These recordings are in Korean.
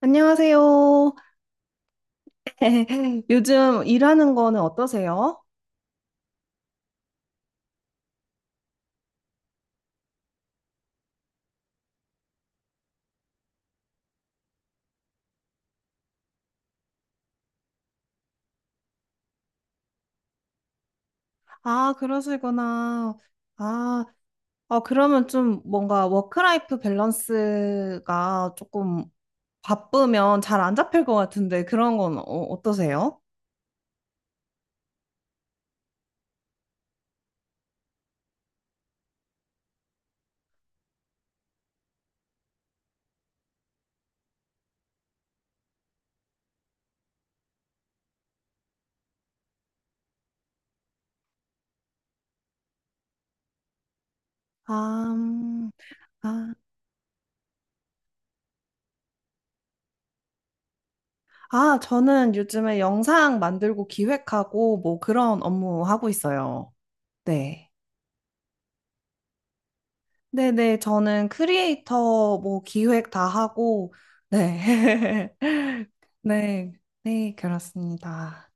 안녕하세요. 요즘 일하는 거는 어떠세요? 아, 그러시구나. 아, 그러면 좀 뭔가 워크라이프 밸런스가 조금 바쁘면 잘 안 잡힐 것 같은데 그런 건 어떠세요? 아, 음, 아, 아, 저는 요즘에 영상 만들고 기획하고 뭐 그런 업무 하고 있어요. 네. 네네, 저는 크리에이터 뭐 기획 다 하고, 네. 네, 네, 그렇습니다.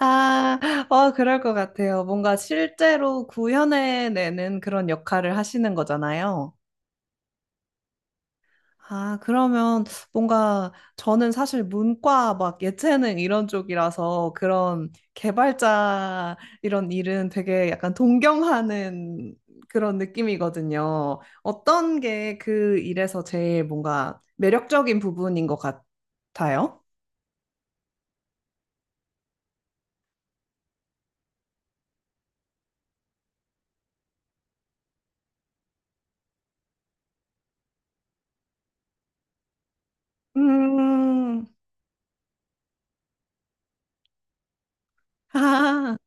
아, 그럴 것 같아요. 뭔가 실제로 구현해내는 그런 역할을 하시는 거잖아요. 아, 그러면 뭔가 저는 사실 문과 막 예체능 이런 쪽이라서 그런 개발자 이런 일은 되게 약간 동경하는 그런 느낌이거든요. 어떤 게 그 일에서 제일 뭔가 매력적인 부분인 것 같아요? 음. 아,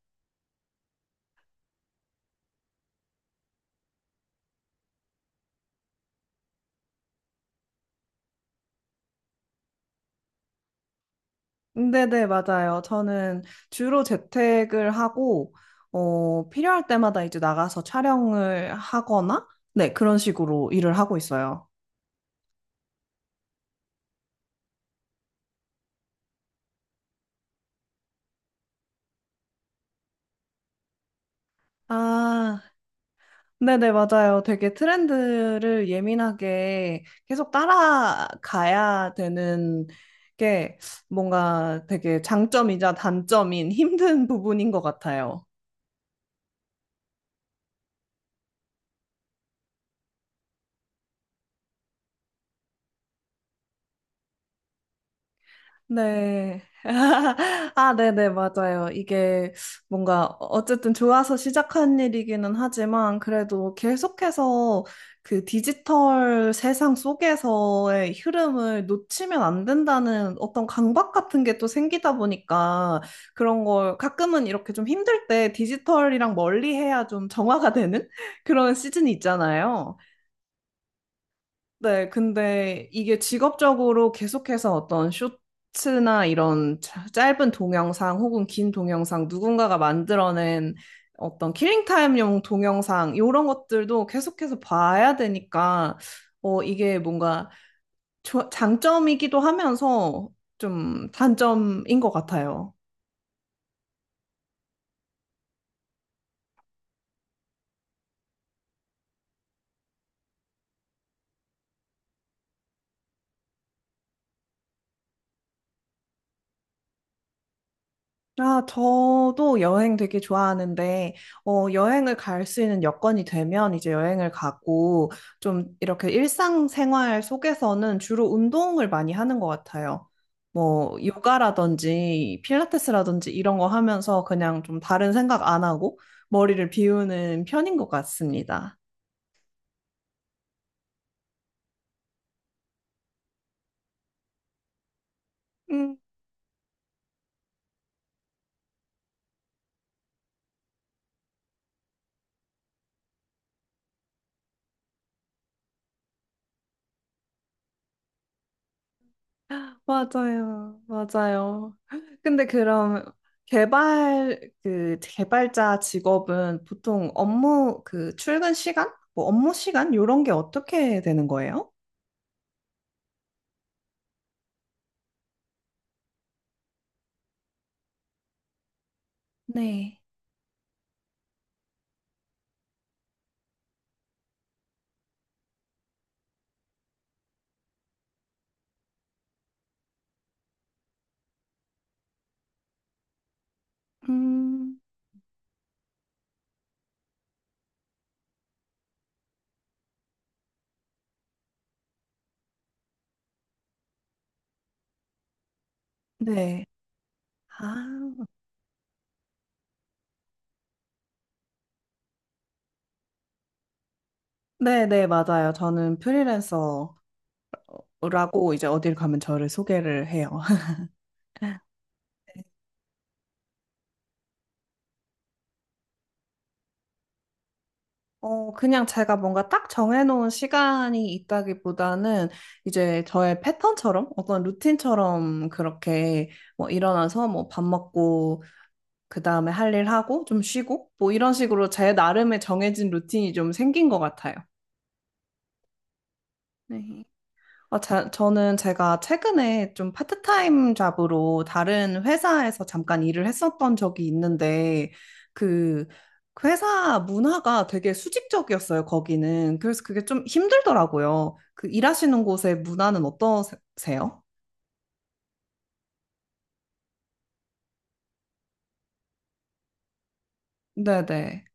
네네, 맞아요. 저는 주로 재택을 하고, 필요할 때마다 이제 나가서 촬영을 하거나, 네, 그런 식으로 일을 하고 있어요. 아, 네네, 맞아요. 되게 트렌드를 예민하게 계속 따라가야 되는 게 뭔가 되게 장점이자 단점인 힘든 부분인 것 같아요. 네. 아, 네네, 맞아요. 이게 뭔가 어쨌든 좋아서 시작한 일이기는 하지만 그래도 계속해서 그 디지털 세상 속에서의 흐름을 놓치면 안 된다는 어떤 강박 같은 게 또 생기다 보니까 그런 걸 가끔은 이렇게 좀 힘들 때 디지털이랑 멀리 해야 좀 정화가 되는 그런 시즌이 있잖아요. 네, 근데 이게 직업적으로 계속해서 어떤 쇼츠나 이런 짧은 동영상 혹은 긴 동영상 누군가가 만들어낸 어떤 킬링타임용 동영상 이런 것들도 계속해서 봐야 되니까 이게 뭔가 장점이기도 하면서 좀 단점인 것 같아요. 아, 저도 여행 되게 좋아하는데, 여행을 갈 수 있는 여건이 되면 이제 여행을 가고, 좀 이렇게 일상생활 속에서는 주로 운동을 많이 하는 것 같아요. 뭐, 요가라든지, 필라테스라든지 이런 거 하면서 그냥 좀 다른 생각 안 하고 머리를 비우는 편인 것 같습니다. 맞아요. 맞아요. 근데 그럼 개발 그 개발자 직업은 보통 업무 그 출근 시간, 뭐 업무 시간 요런 게 어떻게 되는 거예요? 네. 음. 네. 아, 네, 네, 맞아요. 저는 프리랜서라고 이제 어딜 가면 저를 소개를 해요. 그냥 제가 뭔가 딱 정해놓은 시간이 있다기보다는 이제 저의 패턴처럼 어떤 루틴처럼 그렇게 뭐 일어나서 뭐 밥 먹고 그 다음에 할 일 하고 좀 쉬고 뭐 이런 식으로 제 나름의 정해진 루틴이 좀 생긴 것 같아요. 네. 아, 자, 저는 제가 최근에 좀 파트타임 잡으로 다른 회사에서 잠깐 일을 했었던 적이 있는데, 그, 그 회사 문화가 되게 수직적이었어요, 거기는. 그래서 그게 좀 힘들더라고요. 그 일하시는 곳의 문화는 어떠세요? 네네.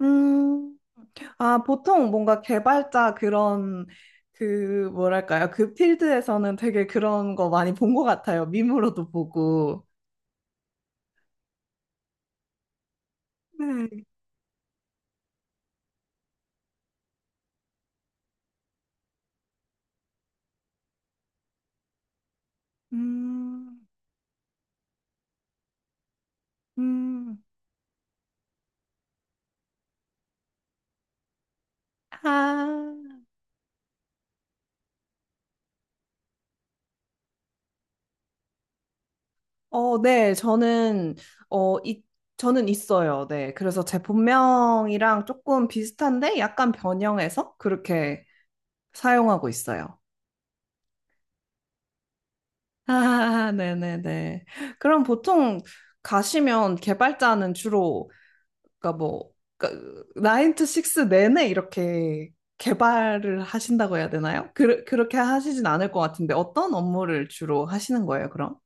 음. 아, 보통 뭔가 개발자 그런, 그, 뭐랄까요. 그 필드에서는 되게 그런 거 많이 본 것 같아요. 밈으로도 보고. 네. 음. 음. 아, 네, 어, 이, 저는 있어요. 네. 그래서 제 본명이랑 조금 비슷한데 약간 변형해서 그렇게 사용하고 있어요. 아, 네네네. 그럼 보통 가시면 개발자는 주로, 그러니까 뭐, 그, 9 to 6 내내 이렇게 개발을 하신다고 해야 되나요? 그, 그렇게 하시진 않을 것 같은데 어떤 업무를 주로 하시는 거예요, 그럼?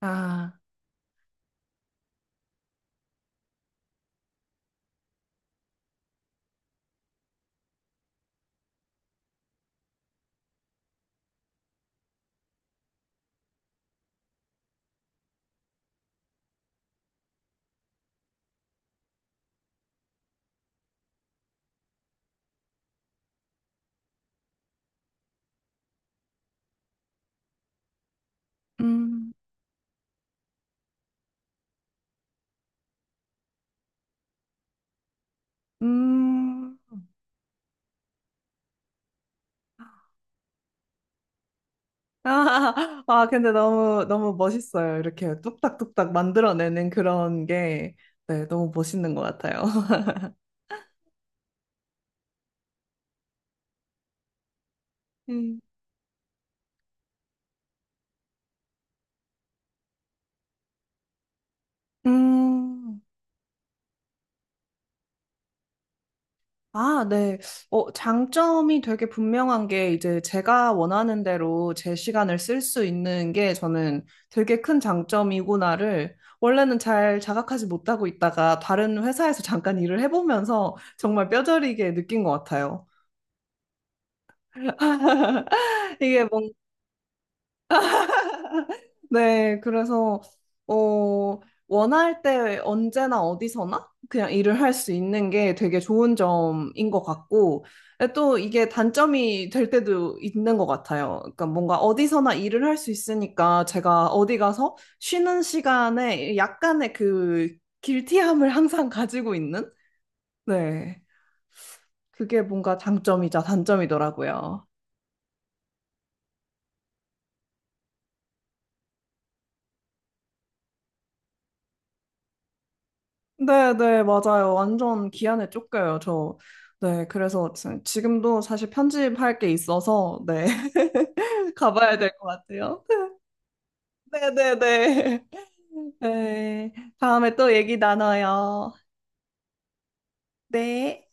아, 음. 음. 아, 아, 근데 너무, 너무 멋있어요. 이렇게 뚝딱뚝딱 만들어내는 그런 게, 네, 너무 멋있는 것 같아요. 음. 음. 아, 네. 장점이 되게 분명한 게 이제 제가 원하는 대로 제 시간을 쓸 수 있는 게 저는 되게 큰 장점이구나를 원래는 잘 자각하지 못하고 있다가 다른 회사에서 잠깐 일을 해보면서 정말 뼈저리게 느낀 것 같아요. 이게 네, 그래서 어 원할 때 언제나 어디서나 그냥 일을 할 수 있는 게 되게 좋은 점인 것 같고 또 이게 단점이 될 때도 있는 것 같아요. 그러니까 뭔가 어디서나 일을 할 수 있으니까 제가 어디 가서 쉬는 시간에 약간의 그 길티함을 항상 가지고 있는, 네, 그게 뭔가 장점이자 단점이더라고요. 네, 네, 맞아요. 완전 기한에 쫓겨요, 저. 네, 그래서 지금도 사실 편집할 게 있어서, 네, 가봐야 될 것 같아요. 네, 네, 네. 네, 다음에 또 얘기 나눠요. 네.